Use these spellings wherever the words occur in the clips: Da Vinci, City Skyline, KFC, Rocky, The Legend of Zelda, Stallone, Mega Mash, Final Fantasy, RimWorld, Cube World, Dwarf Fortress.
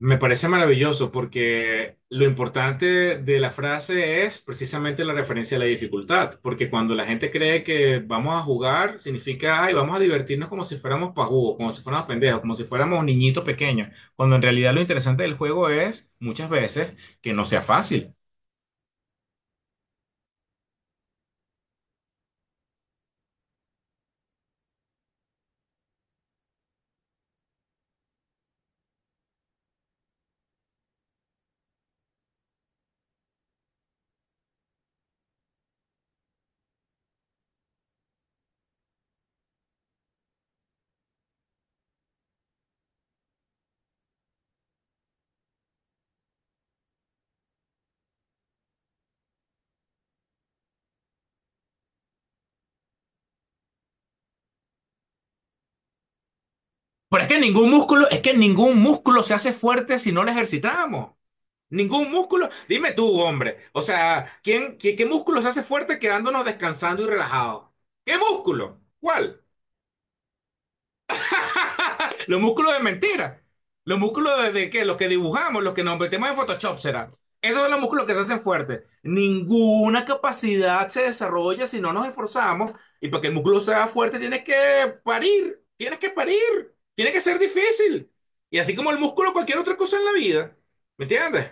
Me parece maravilloso porque lo importante de la frase es precisamente la referencia a la dificultad, porque cuando la gente cree que vamos a jugar, significa, ay, vamos a divertirnos como si fuéramos pajugos, como si fuéramos pendejos, como si fuéramos niñitos pequeños, cuando en realidad lo interesante del juego es, muchas veces, que no sea fácil. Pero es que ningún músculo se hace fuerte si no lo ejercitamos. Ningún músculo. Dime tú, hombre. O sea, ¿quién, qué, qué músculo se hace fuerte quedándonos descansando y relajados? ¿Qué músculo? ¿Cuál? Los músculos de mentira. ¿Los músculos de qué? Los que dibujamos, los que nos metemos en Photoshop, será. Esos son los músculos que se hacen fuertes. Ninguna capacidad se desarrolla si no nos esforzamos. Y para que el músculo sea fuerte, tienes que parir. Tienes que parir. Tiene que ser difícil. Y así como el músculo, cualquier otra cosa en la vida. ¿Me entiendes?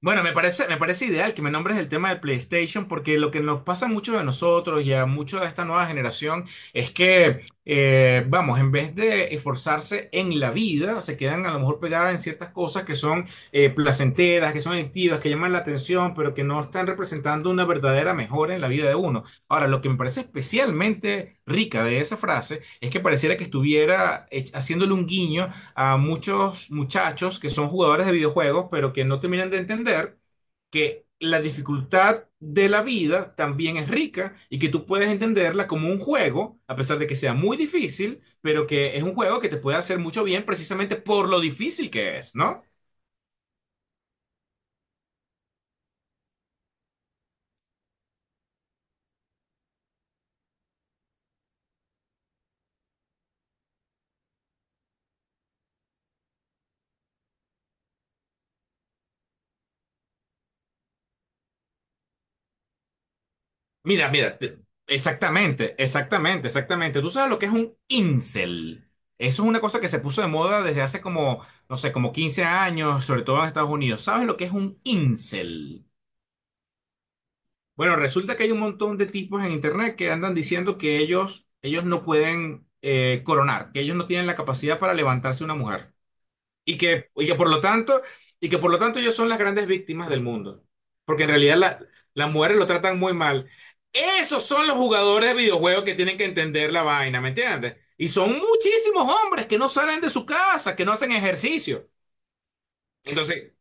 Bueno, me parece ideal que me nombres el tema del PlayStation, porque lo que nos pasa a muchos de nosotros y a muchos de esta nueva generación es que, vamos, en vez de esforzarse en la vida, se quedan a lo mejor pegadas en ciertas cosas que son placenteras, que son adictivas, que llaman la atención, pero que no están representando una verdadera mejora en la vida de uno. Ahora, lo que me parece especialmente rica de esa frase es que pareciera que estuviera haciéndole un guiño a muchos muchachos que son jugadores de videojuegos, pero que no terminan de entender que la dificultad de la vida también es rica y que tú puedes entenderla como un juego, a pesar de que sea muy difícil, pero que es un juego que te puede hacer mucho bien precisamente por lo difícil que es, ¿no? Mira, mira, exactamente, exactamente, exactamente. ¿Tú sabes lo que es un incel? Eso es una cosa que se puso de moda desde hace como, no sé, como 15 años, sobre todo en Estados Unidos. ¿Sabes lo que es un incel? Bueno, resulta que hay un montón de tipos en internet que andan diciendo que ellos no pueden coronar, que ellos no tienen la capacidad para levantarse una mujer. Y que por lo tanto, y que por lo tanto ellos son las grandes víctimas del mundo. Porque en realidad las mujeres lo tratan muy mal. Esos son los jugadores de videojuegos que tienen que entender la vaina, ¿me entiendes? Y son muchísimos hombres que no salen de su casa, que no hacen ejercicio. Entonces,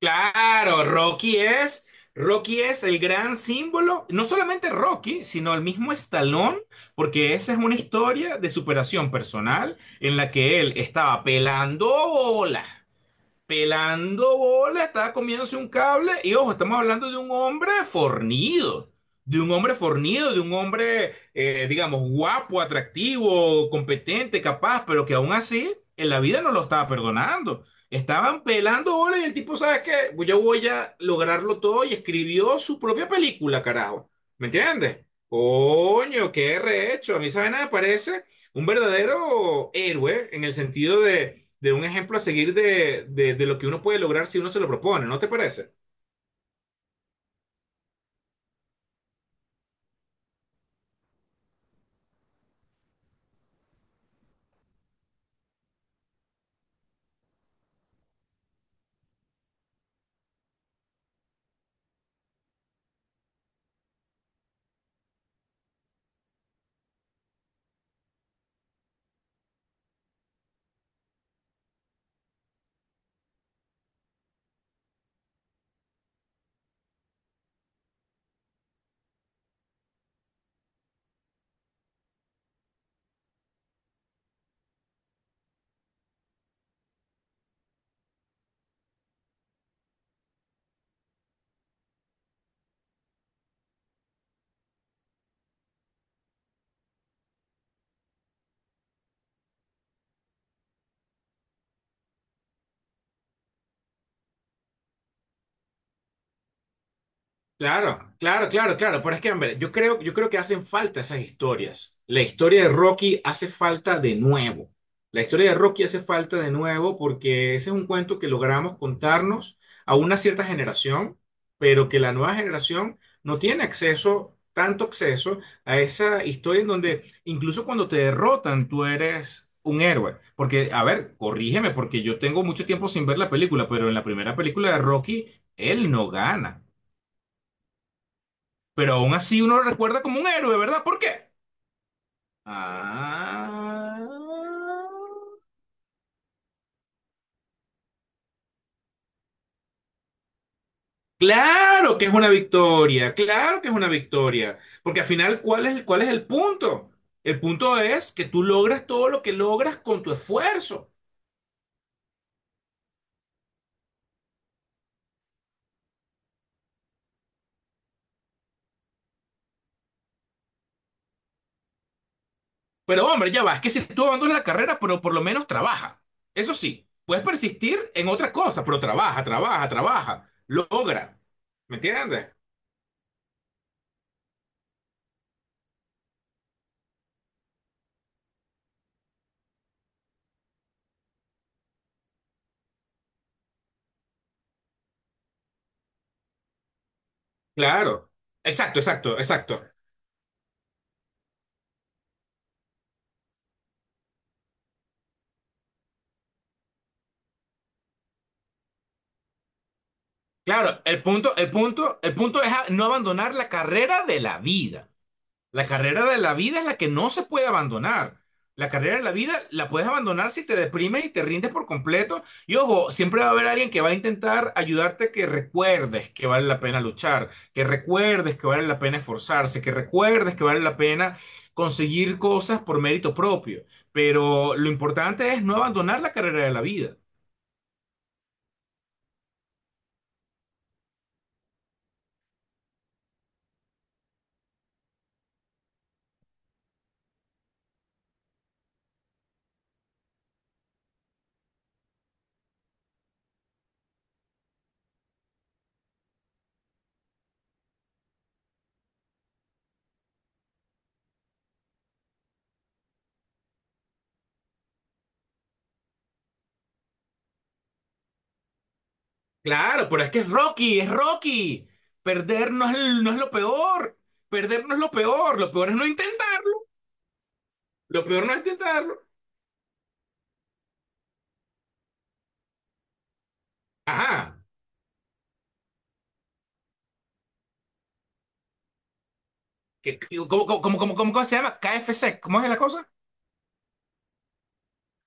claro, Rocky es el gran símbolo, no solamente Rocky, sino el mismo Stallone, porque esa es una historia de superación personal en la que él estaba pelando bola, estaba comiéndose un cable y ojo, estamos hablando de un hombre fornido, de un hombre fornido, de un hombre, digamos, guapo, atractivo, competente, capaz, pero que aún así en la vida no lo estaba perdonando. Estaban pelando bola y el tipo, ¿sabes qué? Yo voy a lograrlo todo y escribió su propia película, carajo. ¿Me entiendes? Coño, qué rehecho. A mí, ¿saben? Me parece un verdadero héroe en el sentido de un ejemplo a seguir de lo que uno puede lograr si uno se lo propone, ¿no te parece? Claro, claro, claro, claro. Pero es que, hombre, yo creo que hacen falta esas historias. La historia de Rocky hace falta de nuevo. La historia de Rocky hace falta de nuevo porque ese es un cuento que logramos contarnos a una cierta generación, pero que la nueva generación no tiene acceso, tanto acceso a esa historia en donde incluso cuando te derrotan tú eres un héroe. Porque, a ver, corrígeme, porque yo tengo mucho tiempo sin ver la película, pero en la primera película de Rocky, él no gana. Pero aún así uno lo recuerda como un héroe, ¿verdad? ¿Por qué? Ah, claro que es una victoria, claro que es una victoria. Porque al final, ¿cuál es el punto? El punto es que tú logras todo lo que logras con tu esfuerzo. Pero hombre, ya va, es que si tú abandonas la carrera, pero por lo menos trabaja. Eso sí, puedes persistir en otra cosa, pero trabaja, trabaja, trabaja, logra. ¿Me entiendes? Claro. Exacto, exacto, exacto. Claro, el punto, el punto, el punto es no abandonar la carrera de la vida. La carrera de la vida es la que no se puede abandonar. La carrera de la vida la puedes abandonar si te deprimes y te rindes por completo. Y ojo, siempre va a haber alguien que va a intentar ayudarte a que recuerdes que vale la pena luchar, que recuerdes que vale la pena esforzarse, que recuerdes que vale la pena conseguir cosas por mérito propio. Pero lo importante es no abandonar la carrera de la vida. Claro, pero es que es Rocky, es Rocky. Perder no es, no es lo peor. Perder no es lo peor. Lo peor es no intentar. Lo peor no es intentarlo. Ajá. ¿Cómo se llama? KFC. ¿Cómo es la cosa?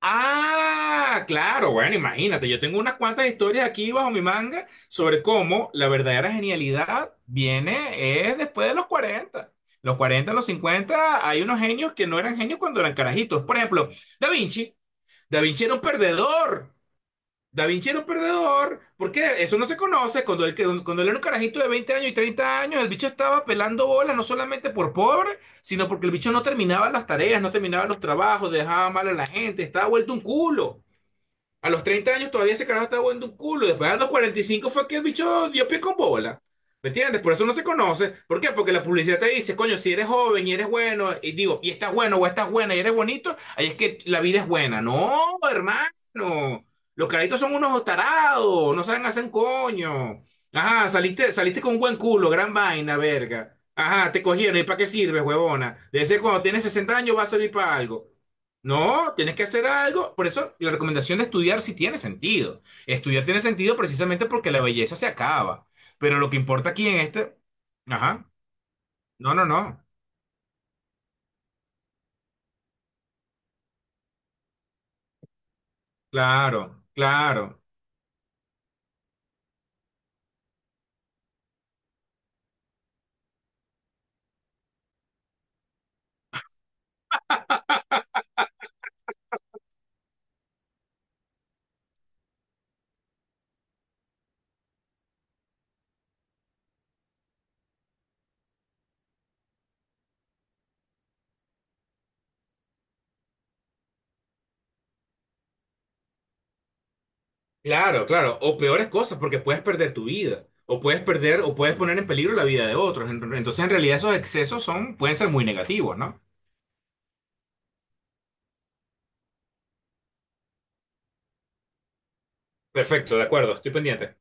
Ah, claro. Bueno, imagínate. Yo tengo unas cuantas historias aquí bajo mi manga sobre cómo la verdadera genialidad viene es después de los 40. Los 40, los 50, hay unos genios que no eran genios cuando eran carajitos. Por ejemplo, Da Vinci. Da Vinci era un perdedor. Da Vinci era un perdedor, porque eso no se conoce. Cuando él era un carajito de 20 años y 30 años, el bicho estaba pelando bolas, no solamente por pobre, sino porque el bicho no terminaba las tareas, no terminaba los trabajos, dejaba mal a la gente, estaba vuelto un culo. A los 30 años todavía ese carajo estaba jugando un culo. Después a los 45 fue que el bicho dio pie con bola. ¿Me entiendes? Por eso no se conoce. ¿Por qué? Porque la publicidad te dice, coño, si eres joven y eres bueno, y digo, y estás bueno o estás buena y eres bonito, ahí es que la vida es buena. No, hermano. Los carajitos son unos tarados, no saben hacer un coño. Ajá, saliste con un buen culo, gran vaina, verga. Ajá, te cogieron. ¿Y para qué sirve, huevona? De ser cuando tienes 60 años va a servir para algo. No, tienes que hacer algo. Por eso la recomendación de estudiar sí tiene sentido. Estudiar tiene sentido precisamente porque la belleza se acaba. Pero lo que importa aquí en este... Ajá. No, no, no. Claro, claro, claro, claro. O peores cosas porque puedes perder tu vida. O puedes perder o puedes poner en peligro la vida de otros. Entonces, en realidad, esos excesos pueden ser muy negativos, ¿no? Perfecto, de acuerdo, estoy pendiente.